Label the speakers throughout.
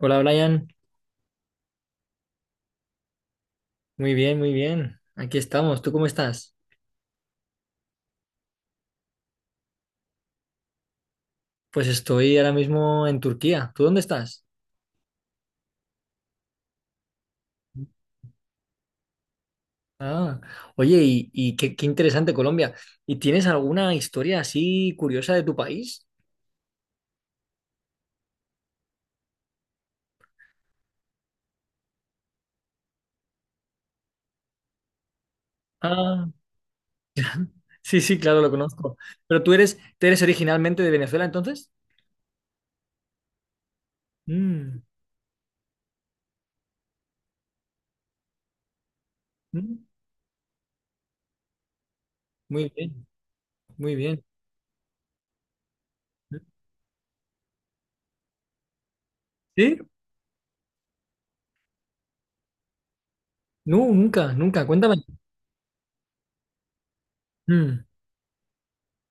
Speaker 1: Hola Brian, muy bien, muy bien. Aquí estamos. ¿Tú cómo estás? Pues estoy ahora mismo en Turquía. ¿Tú dónde estás? Ah, oye, y qué interesante Colombia. ¿Y tienes alguna historia así curiosa de tu país? Ah, sí, sí, claro, lo conozco. Pero ¿tú eres originalmente de Venezuela entonces? Mm, mm, muy bien, muy bien. ¿Sí? No, nunca, nunca. Cuéntame. Mm,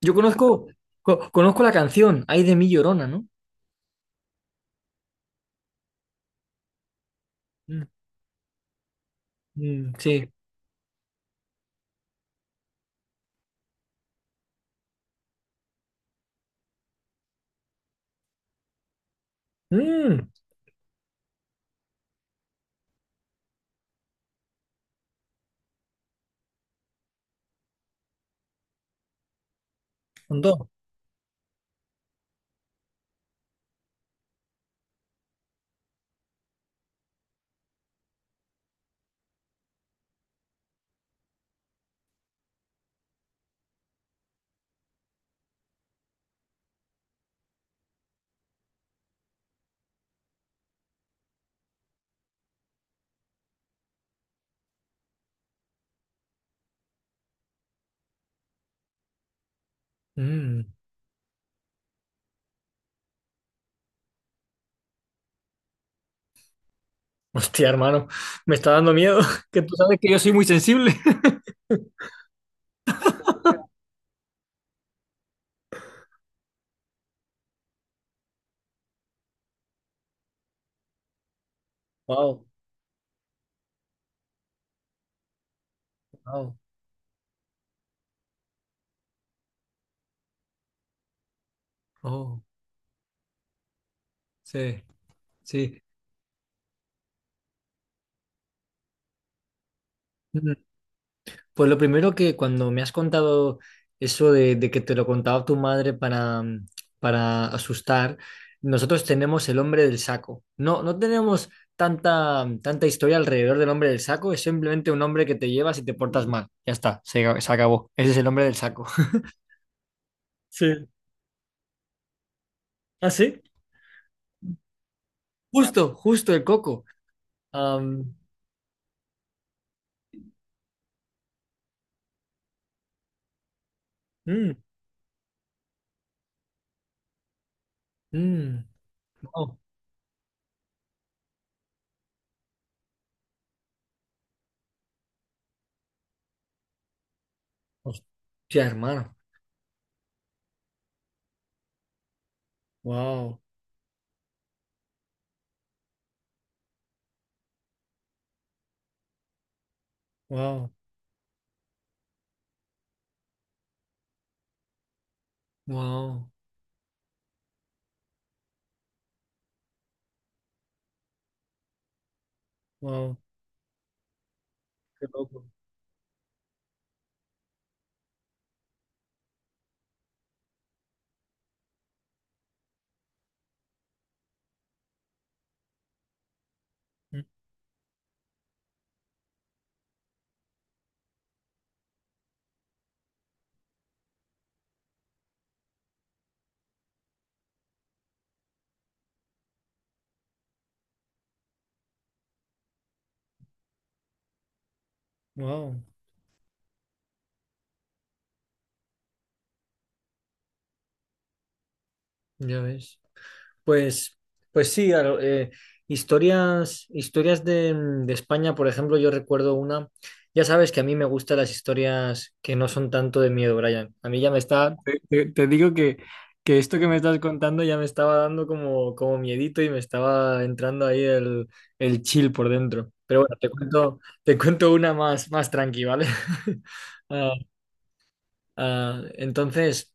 Speaker 1: Yo conozco, Conozco la canción, Ay de mi Llorona, ¿no? Mm, mm, sí. Mm, Son dos. Mm. Hostia, hermano, me está dando miedo, que tú sabes que yo soy muy sensible. Wow, wow, oh, sí, sí. Mm. Pues lo primero que cuando me has contado eso de que te lo contaba tu madre para asustar, nosotros tenemos el hombre del saco. No, no tenemos tanta, tanta historia alrededor del hombre del saco, es simplemente un hombre que te lleva si te portas mal. Ya está, se acabó. Ese es el hombre del saco. Sí. ¿Ah, sí? Justo, justo el coco. Am, mm, mm, wow. Hostia, hermano. Wow, wow, wow, wow, qué loco. Mm, wow. Ya ves. Pues, pues sí, a historias de España, por ejemplo, yo recuerdo una, ya sabes que a mí me gustan las historias que no son tanto de miedo, Brian. A mí ya me está, te- te digo que esto que me estás contando ya me estaba dando como miedito y me estaba entrando ahí el chill por dentro. Pero bueno, te cuento una más, más tranqui, ¿vale? Ah, ah, entonces,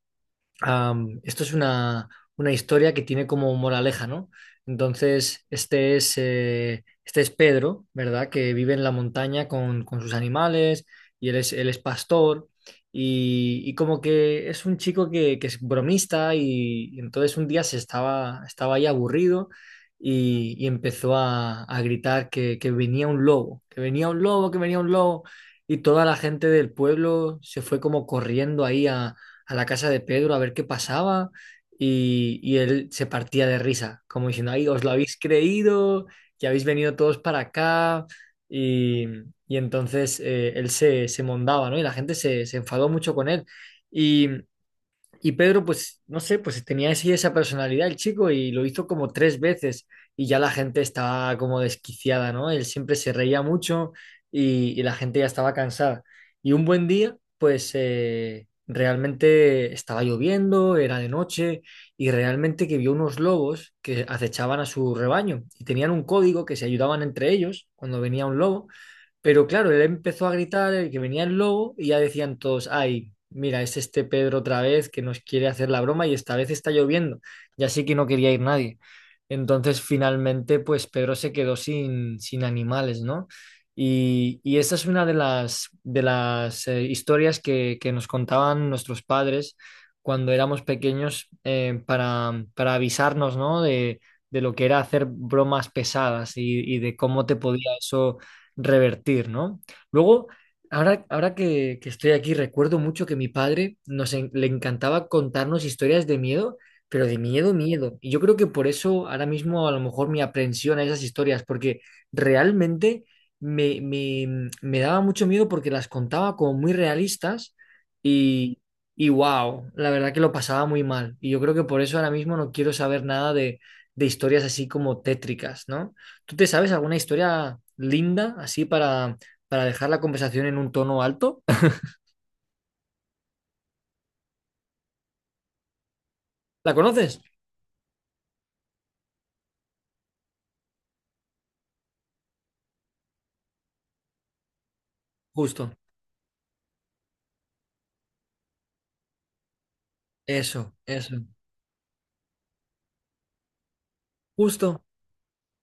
Speaker 1: Esto es una historia que tiene como moraleja, ¿no? Entonces, este es Pedro, ¿verdad? Que vive en la montaña con sus animales y él es pastor, y como que es un chico que es bromista, y entonces un día estaba ahí aburrido, y empezó a gritar que venía un lobo, que venía un lobo, que venía un lobo, y toda la gente del pueblo se fue como corriendo ahí a la casa de Pedro a ver qué pasaba, y él se partía de risa, como diciendo, ay, os lo habéis creído, que habéis venido todos para acá, y, y entonces él se mondaba, ¿no? Y la gente se enfadó mucho con él. Y y Pedro, pues, no sé, pues tenía así esa personalidad el chico y lo hizo como tres veces, y ya la gente estaba como desquiciada, ¿no? Él siempre se reía mucho, y la gente ya estaba cansada. Y un buen día, pues, realmente estaba lloviendo, era de noche, y realmente que vio unos lobos que acechaban a su rebaño y tenían un código que se ayudaban entre ellos cuando venía un lobo. Pero claro, él empezó a gritar, que venía el lobo, y ya decían todos, ay, mira, es este Pedro otra vez que nos quiere hacer la broma y esta vez está lloviendo. Ya así que no quería ir nadie. Entonces, finalmente, pues Pedro se quedó sin animales, ¿no? Y esa es una de las historias que nos contaban nuestros padres cuando éramos pequeños, para avisarnos, ¿no? De lo que era hacer bromas pesadas, y de cómo te podía eso revertir, ¿no? Luego, ahora, ahora que estoy aquí, recuerdo mucho que mi padre le encantaba contarnos historias de miedo, pero de miedo, miedo. Y yo creo que por eso ahora mismo a lo mejor mi aprensión a esas historias, porque realmente me daba mucho miedo porque las contaba como muy realistas y. Y wow, la verdad que lo pasaba muy mal. Y yo creo que por eso ahora mismo no quiero saber nada de historias así como tétricas, ¿no? ¿Tú te sabes alguna historia linda así para dejar la conversación en un tono alto? ¿La conoces? Justo. Eso, eso. Justo.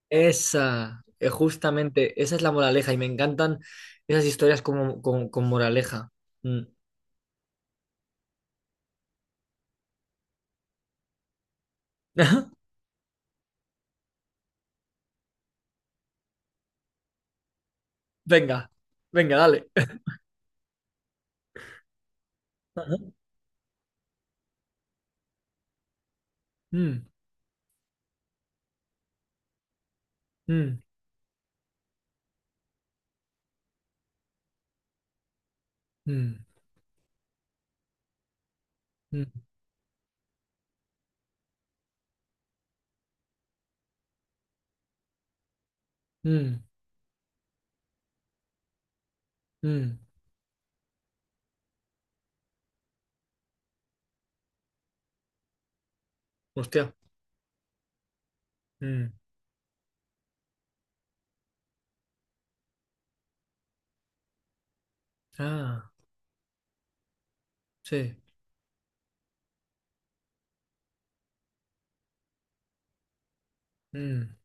Speaker 1: Esa. Justamente. Esa es la moraleja y me encantan esas historias con moraleja. Mm. Venga, venga, dale. Ajá. Mm, mm, mm, mm, mm, mm. Hostia. Mm. Ah, sí. Mm.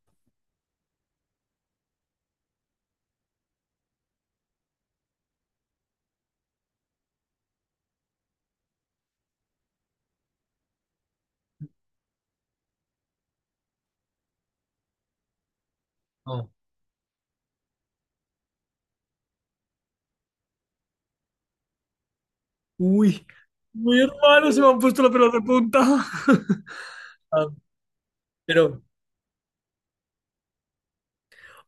Speaker 1: Oh. Uy, mi hermano, se me han puesto los pelos de punta. Ah. Pero,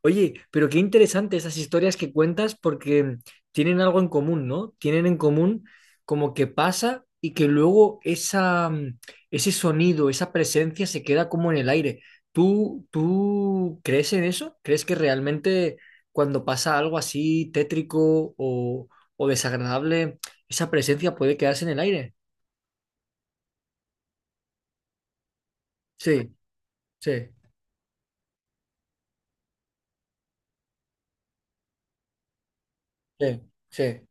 Speaker 1: Oye, pero qué interesante esas historias que cuentas porque tienen algo en común, ¿no? Tienen en común como que pasa y que luego ese sonido, esa presencia se queda como en el aire. ¿Tú crees en eso? ¿Crees que realmente cuando pasa algo así tétrico o desagradable, esa presencia puede quedarse en el aire? Sí, sí, sí, sí,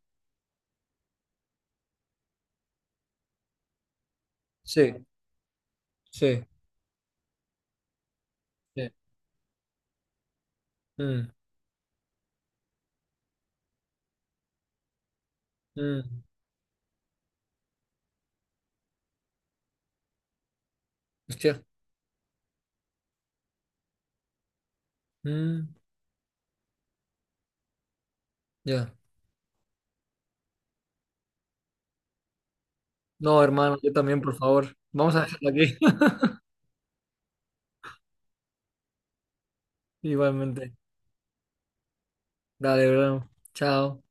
Speaker 1: sí, sí, sí. Mm, mm. Hostia. Mm, ya. No, hermano, yo también, por favor. Vamos a dejarlo aquí. Igualmente. Dale, bro. Chao.